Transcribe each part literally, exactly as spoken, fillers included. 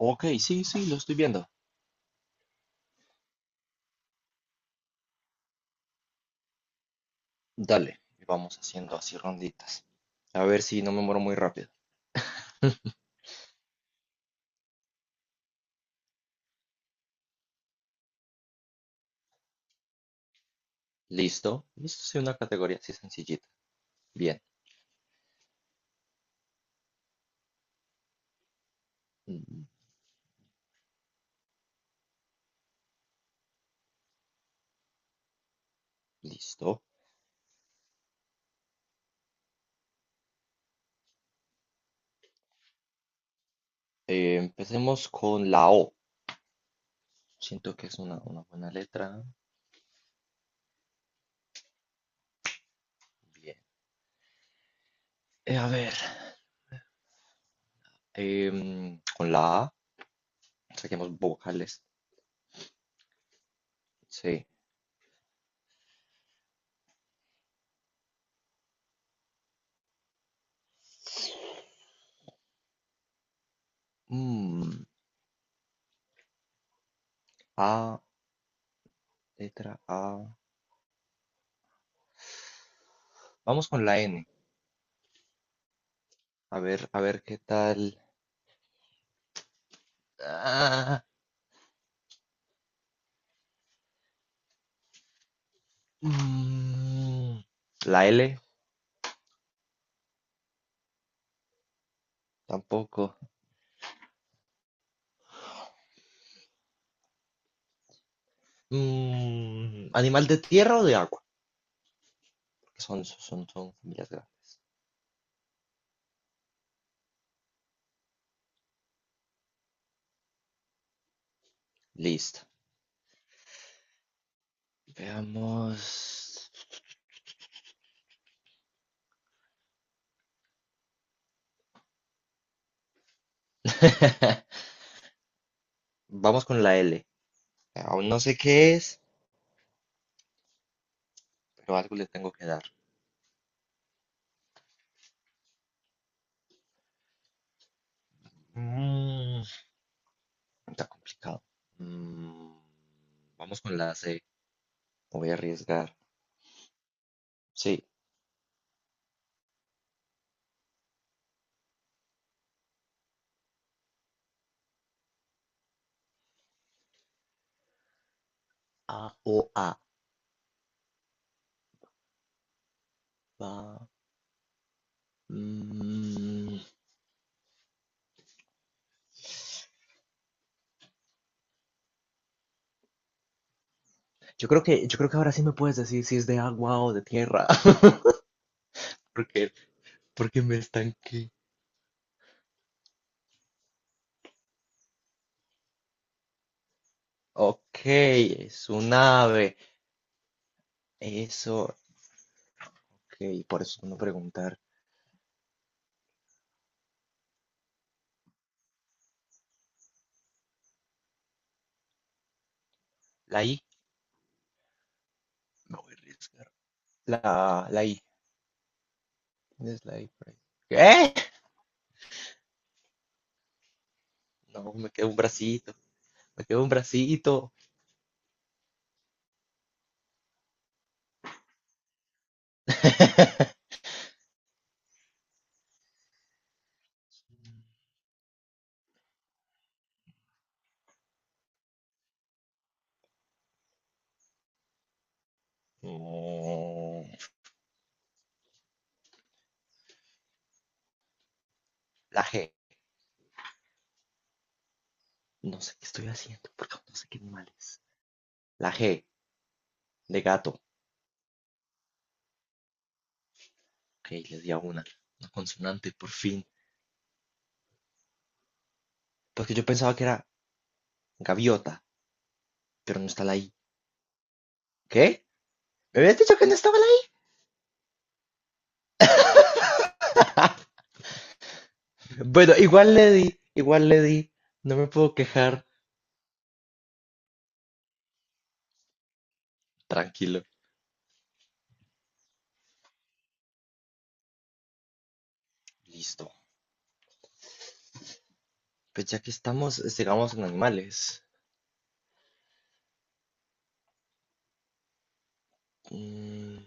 Ok, sí, sí, lo estoy viendo. Dale, y vamos haciendo así ronditas. A ver si no me muero muy rápido. Listo. Listo, sí, una categoría así sencillita. Bien. Mm, Listo. Eh, empecemos con la O. Siento que es una, una buena letra. Bien. Eh, a ver. em, con la A. Saquemos vocales. Sí. Mm, A, letra A. Vamos con la N. A ver, a ver qué tal. Ah, mm, la L. Tampoco. Mm, ¿animal de tierra o de agua? Porque son, son, son familias grandes. Listo. Veamos. Vamos con la L. Aún no sé qué es, pero algo le tengo que dar. Mm, está complicado. Mm, vamos con la C. Me voy a arriesgar. Sí. A o A. Va. Mm, yo creo que, yo creo que ahora sí me puedes decir si es de agua o de tierra. Porque, porque me estanqué. Ok, es un ave. Eso, ok, por eso no preguntar. La I, me voy a arriesgar. La, la I, ¿dónde es la I por ahí? ¿Qué? No, me quedó un bracito, me quedó un bracito. Mm, La G, no sé qué estoy haciendo, porque no sé qué animal es. La G, de gato. Ok, les di a una, una consonante, por fin. Porque yo pensaba que era gaviota, pero no está la I. ¿Qué? ¿Me habías dicho que no estaba la? Bueno, igual le di, igual le di. No me puedo quejar. Tranquilo. Listo. Pues ya que estamos, sigamos en animales. Mm,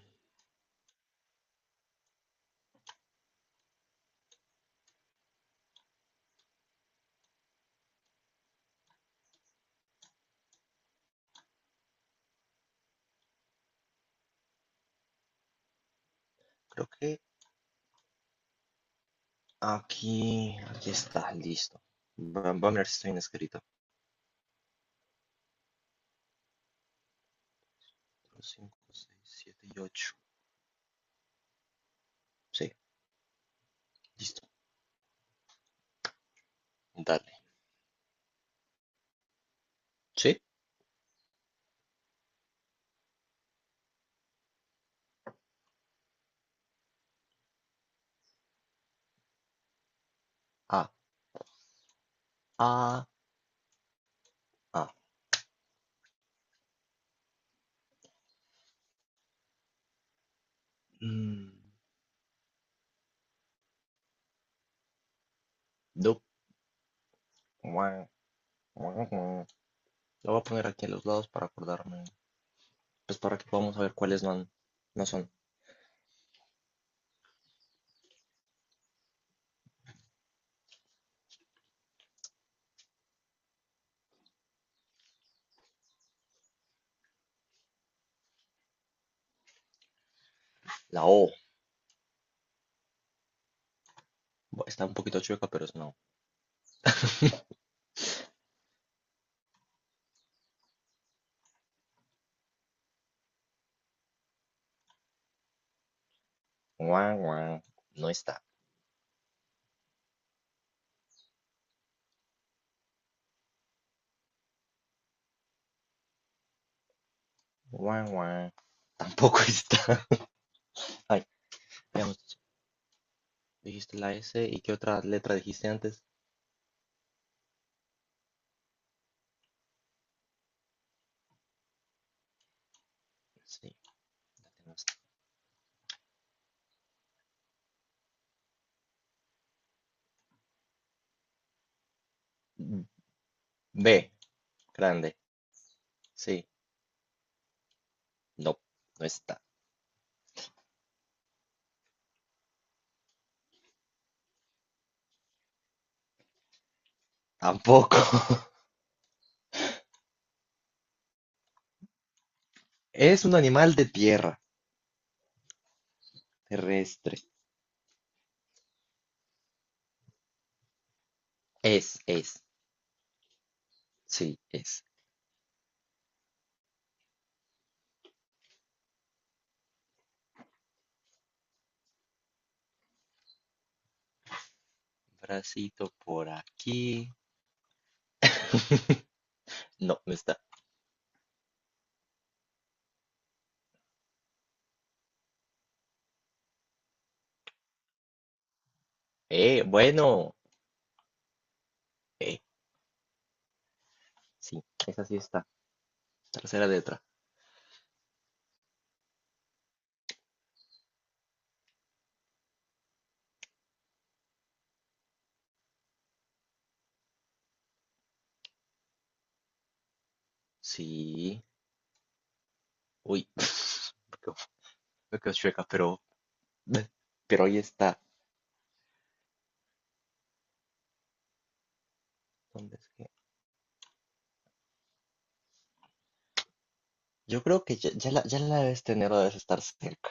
creo que aquí, aquí está, listo. Va va a ver si estoy inscrito. Cinco, seis, siete y ocho. Sí, listo. Dale. Sí. Ah, ah, ah. Mm, du. Guau, guau, guau. Lo voy a poner aquí a los lados para acordarme. Pues para que podamos saber cuáles no, han- no son. La O. Bu- Está un poquito chueca, pero es no. Guau, guau. No está. Guau, guau. Tampoco está. Ay, veamos. ¿Dijiste la S y qué otra letra dijiste antes? Sí, la tenemos. Mm, B, grande. Sí, no, no está. Tampoco. Es un animal de tierra, terrestre. Es, es. Sí, es. Bracito por aquí. No, no está. Eh, bueno. Eh, sí, esa sí está. Tercera letra. Sí, uy, me quedo, me quedo chueca, pero, pero ahí está. ¿Dónde es que? Yo creo que ya, ya la, ya la debes tener o debes estar cerca.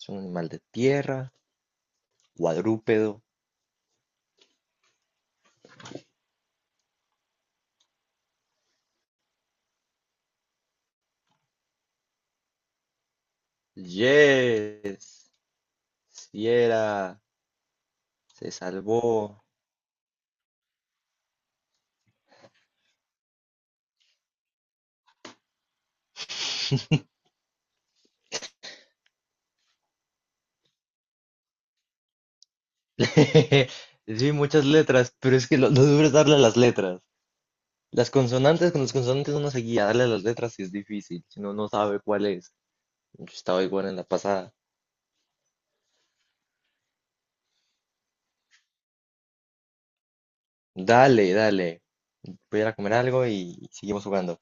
Es un animal de tierra, cuadrúpedo. Yes, si era, se salvó. Sí, muchas letras, pero es que lo, lo duro es darle a las letras. Las consonantes, con las consonantes uno se guía, darle a las letras sí es difícil, si no, no sabe cuál es. Yo estaba igual en la pasada. Dale, dale, voy a ir a comer algo y seguimos jugando.